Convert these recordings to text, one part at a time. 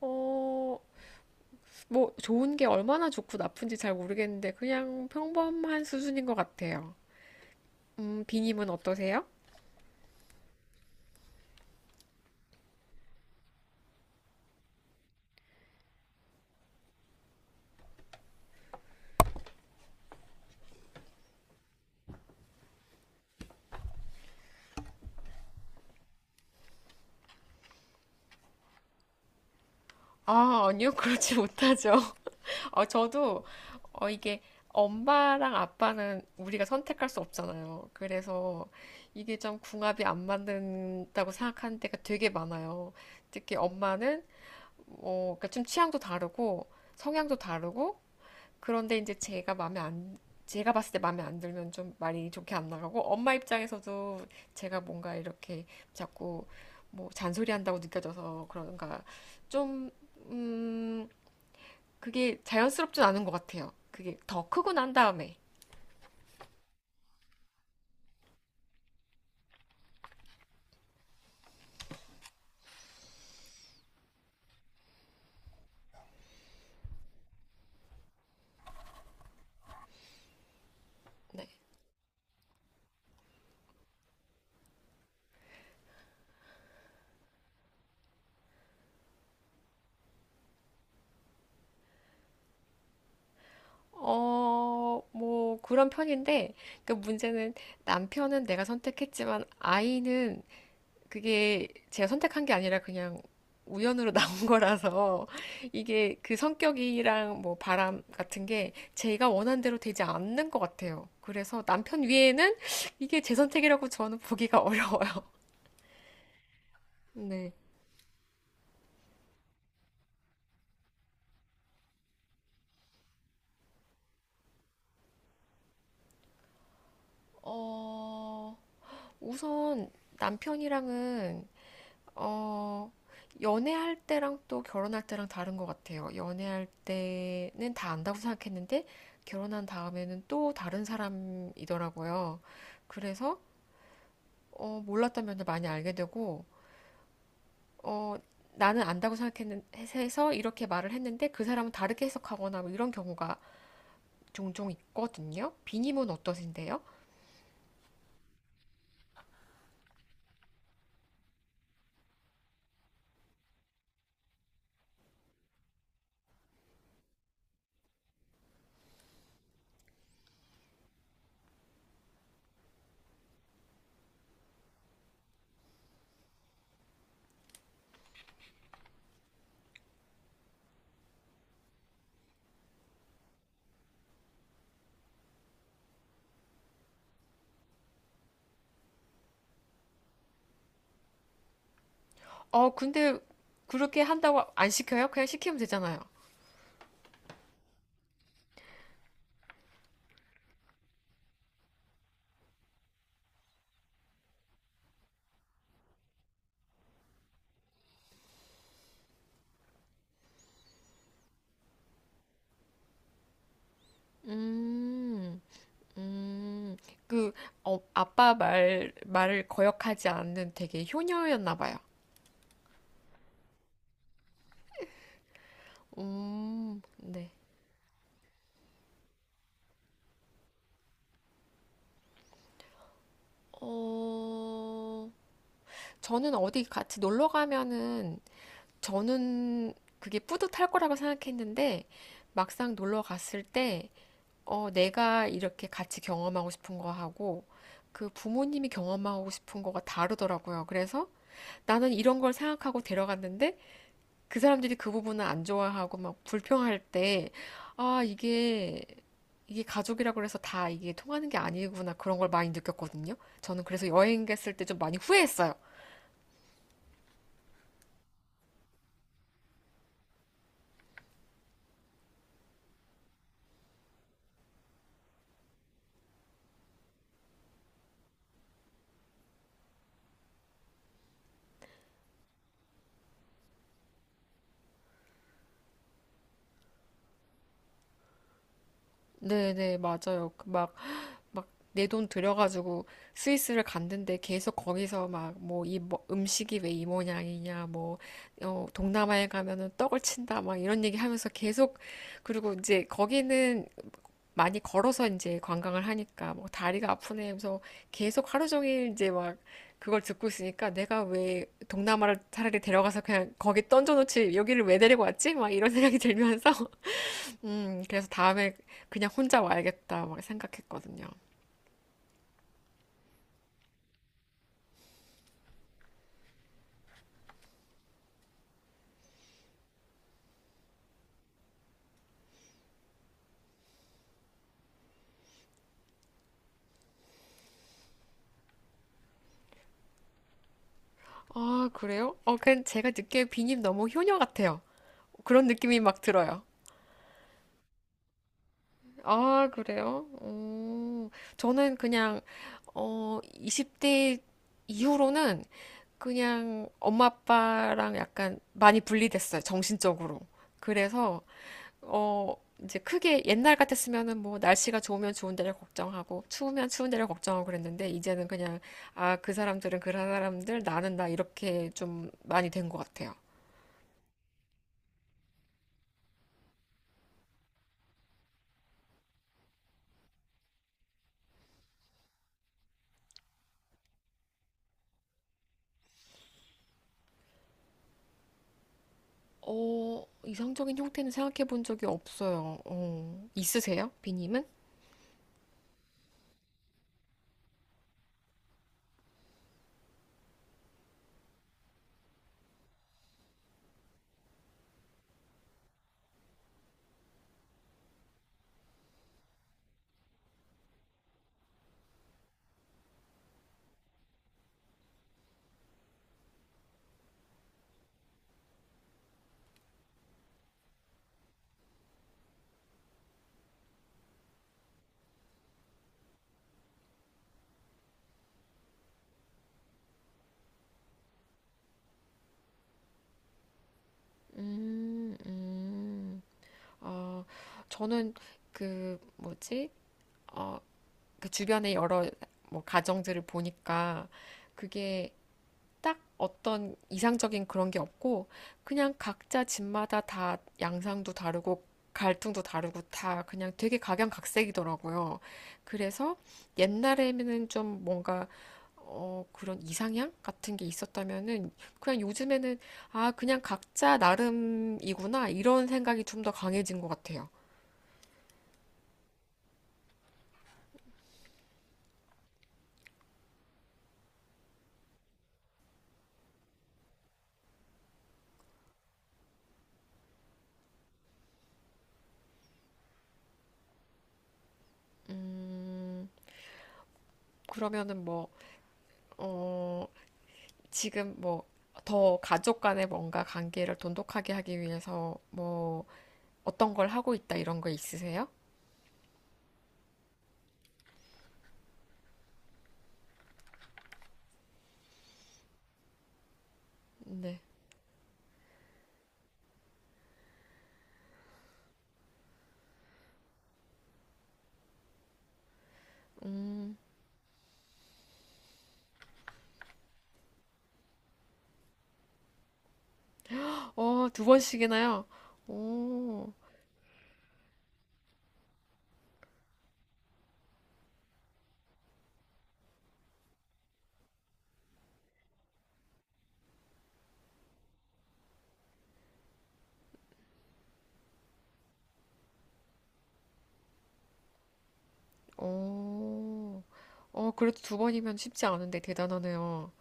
어, 좋은 게 얼마나 좋고 나쁜지 잘 모르겠는데, 그냥 평범한 수준인 것 같아요. 비님은 어떠세요? 아, 아니요, 그렇지 못하죠. 어, 저도, 어, 이게, 엄마랑 아빠는 우리가 선택할 수 없잖아요. 그래서 이게 좀 궁합이 안 맞는다고 생각하는 때가 되게 많아요. 특히 엄마는, 그러니까 좀 취향도 다르고, 성향도 다르고, 그런데 이제 제가 마음에 안, 제가 봤을 때 마음에 안 들면 좀 말이 좋게 안 나가고, 엄마 입장에서도 제가 뭔가 이렇게 자꾸 뭐 잔소리한다고 느껴져서 그런가, 좀, 음, 그게 자연스럽진 않은 것 같아요. 그게 더 크고 난 다음에. 네. 그런 편인데, 그 문제는 남편은 내가 선택했지만 아이는 그게 제가 선택한 게 아니라 그냥 우연으로 나온 거라서 이게 그 성격이랑 뭐 바람 같은 게 제가 원한 대로 되지 않는 것 같아요. 그래서 남편 위에는 이게 제 선택이라고 저는 보기가 어려워요. 네. 어, 우선 남편이랑은 어, 연애할 때랑 또 결혼할 때랑 다른 것 같아요. 연애할 때는 다 안다고 생각했는데, 결혼한 다음에는 또 다른 사람이더라고요. 그래서, 몰랐던 면을 많이 알게 되고, 어, 나는 안다고 생각해서 이렇게 말을 했는데, 그 사람은 다르게 해석하거나 뭐 이런 경우가 종종 있거든요. 비님은 어떠신데요? 근데 그렇게 한다고 안 시켜요? 그냥 시키면 되잖아요. 음. 음, 그, 아빠 말을 거역하지 않는 되게 효녀였나 봐요. 네. 어, 저는 어디 같이 놀러 가면은, 저는 그게 뿌듯할 거라고 생각했는데, 막상 놀러 갔을 때, 내가 이렇게 같이 경험하고 싶은 거 하고, 그 부모님이 경험하고 싶은 거가 다르더라고요. 그래서 나는 이런 걸 생각하고 데려갔는데, 그 사람들이 그 부분을 안 좋아하고 막 불평할 때, 아, 이게, 이게 가족이라고 해서 다 이게 통하는 게 아니구나. 그런 걸 많이 느꼈거든요. 저는 그래서 여행 갔을 때 좀 많이 후회했어요. 네네, 맞아요. 막, 내 돈 들여가지고 스위스를 갔는데 계속 거기서 막, 뭐, 음식이 왜 이 모양이냐, 동남아에 가면은 떡을 친다, 막 이런 얘기 하면서 계속, 그리고 이제 거기는 많이 걸어서 이제 관광을 하니까 뭐 다리가 아프네 하면서 계속 하루 종일 이제 막 그걸 듣고 있으니까 내가 왜 동남아를 차라리 데려가서 그냥 거기 던져놓지 여기를 왜 데리고 왔지? 막 이런 생각이 들면서 그래서 다음에 그냥 혼자 와야겠다 막 생각했거든요. 아 그래요? 어 그냥 제가 느끼기에 비님 너무 효녀 같아요. 그런 느낌이 막 들어요. 아 그래요? 저는 그냥 20대 이후로는 그냥 엄마 아빠랑 약간 많이 분리됐어요, 정신적으로. 그래서 어 이제 크게 옛날 같았으면은 뭐 날씨가 좋으면 좋은 데를 걱정하고 추우면 추운 데를 걱정하고 그랬는데 이제는 그냥 아, 그 사람들은 그 사람들, 나는 나 이렇게 좀 많이 된 것 같아요. 어, 이상적인 형태는 생각해 본 적이 없어요. 어, 있으세요? 비님은? 음, 음. 어, 저는 그 뭐지? 어, 그 주변의 여러 뭐 가정들을 보니까 그게 딱 어떤 이상적인 그런 게 없고 그냥 각자 집마다 다 양상도 다르고 갈등도 다르고 다 그냥 되게 각양각색이더라고요. 그래서 옛날에는 좀 뭔가 그런 이상향 같은 게 있었다면은 그냥 요즘에는 아, 그냥 각자 나름이구나 이런 생각이 좀 더 강해진 것 같아요. 음, 그러면은 뭐, 어, 지금 뭐 더 가족 간의 뭔가 관계를 돈독하게 하기 위해서 뭐 어떤 걸 하고 있다 이런 거 있으세요? 네. 어, 두 번씩이나요? 오, 오, 어, 그래도 두 번이면 쉽지 않은데 대단하네요.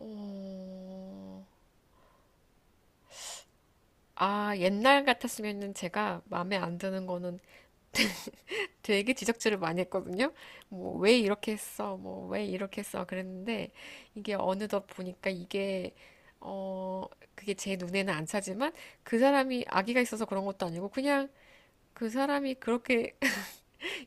어, 아, 옛날 같았으면은 제가 마음에 안 드는 거는 되게 지적질을 많이 했거든요. 뭐, 왜 이렇게 했어? 뭐, 왜 이렇게 했어? 그랬는데, 이게 어느덧 보니까 이게, 어, 그게 제 눈에는 안 차지만, 그 사람이 악의가 있어서 그런 것도 아니고, 그냥 그 사람이 그렇게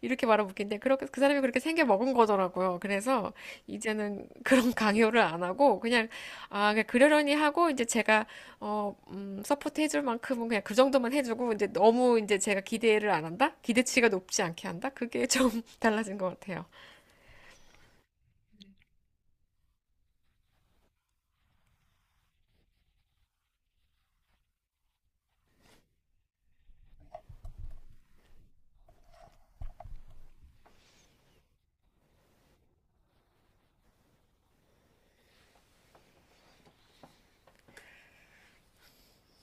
이렇게 말하면 웃긴데 그렇게 그 사람이 그렇게 생겨 먹은 거더라고요. 그래서 이제는 그런 강요를 안 하고 그냥 아 그냥 그러려니 하고 이제 제가 서포트 해줄 만큼은 그냥 그 정도만 해주고 이제 제가 기대를 안 한다? 기대치가 높지 않게 한다? 그게 좀 달라진 것 같아요.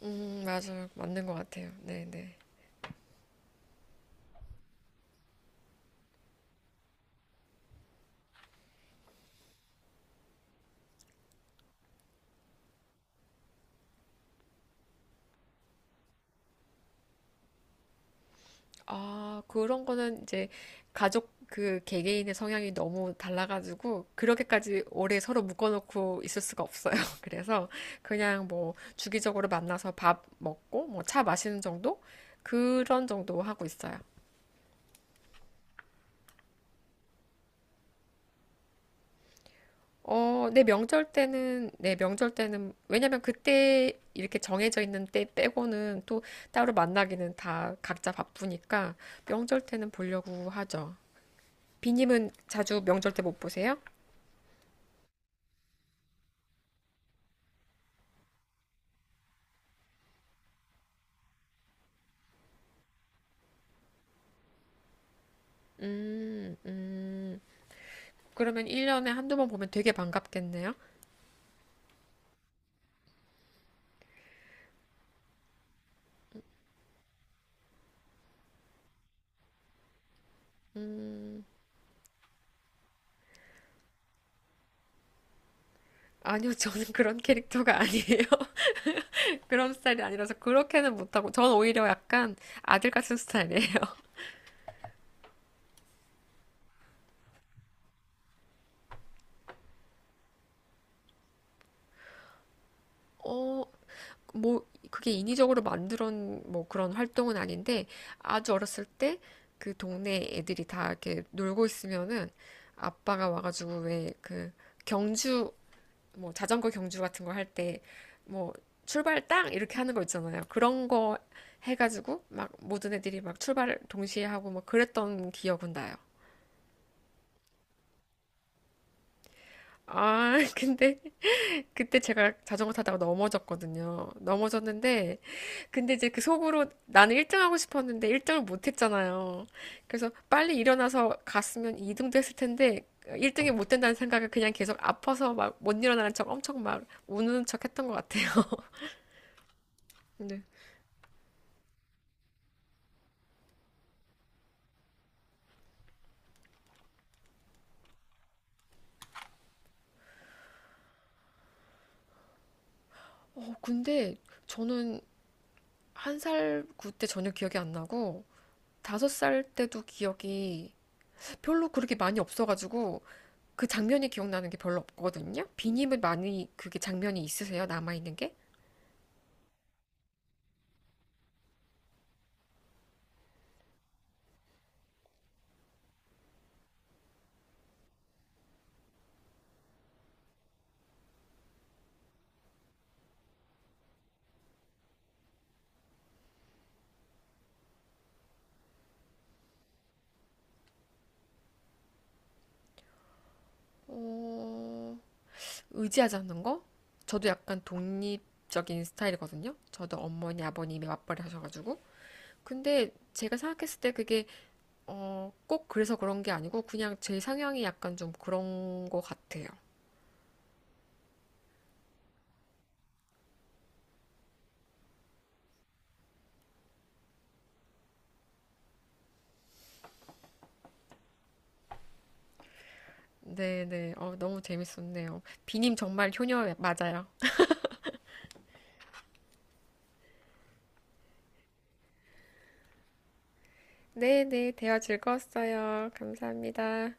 맞아요 맞는 것 같아요. 네네. 아, 그런 거는 이제 가족 그 개개인의 성향이 너무 달라가지고 그렇게까지 오래 서로 묶어놓고 있을 수가 없어요. 그래서 그냥 뭐 주기적으로 만나서 밥 먹고 뭐 차 마시는 정도? 그런 정도 하고 있어요. 어, 내 명절 때는, 왜냐면 그때 이렇게 정해져 있는 때 빼고는 또 따로 만나기는 다 각자 바쁘니까 명절 때는 보려고 하죠. 비님은 자주 명절 때 못 보세요? 음, 음. 그러면 1년에 한두 번 보면 되게 반갑겠네요? 음, 아니요, 저는 그런 캐릭터가 아니에요. 그런 스타일이 아니라서 그렇게는 못하고, 전 오히려 약간 아들 같은 스타일이에요. 어, 그게 인위적으로 놓뭐 그런 활동은 아닌데, 아주 어렸을 때 그 동네 애들이 다 이렇게 놀고 있으면은 아빠가 와가지고 왜 그 경주 뭐 자전거 경주 같은 거 할 때 뭐 출발 땅 이렇게 하는 거 있잖아요. 그런 거 해가지고 막 모든 애들이 막 출발 동시에 하고 막 그랬던 기억은 나요. 아, 근데 그때 제가 자전거 타다가 넘어졌거든요. 넘어졌는데 근데 이제 그 속으로 나는 1등 하고 싶었는데 1등을 못 했잖아요. 그래서 빨리 일어나서 갔으면 2등도 했을 텐데 1등이 못 된다는 생각을 그냥 계속 아파서 막 못 일어나는 척 엄청 막 우는 척 했던 것 같아요. 네. 어, 근데 저는 1살 그때 전혀 기억이 안 나고 5살 때도 기억이 별로 그렇게 많이 없어가지고 그 장면이 기억나는 게 별로 없거든요. 비님은 많이 그게 장면이 있으세요? 남아있는 게? 어, 의지하지 않는 거? 저도 약간 독립적인 스타일이거든요. 저도 어머니, 아버님이 맞벌이 하셔가지고. 근데 제가 생각했을 때 그게 꼭 그래서 그런 게 아니고 그냥 제 상향이 약간 좀 그런 거 같아요. 네네. 어, 너무 재밌었네요. 비님 정말 효녀 맞아요. 네네. 대화 즐거웠어요. 감사합니다.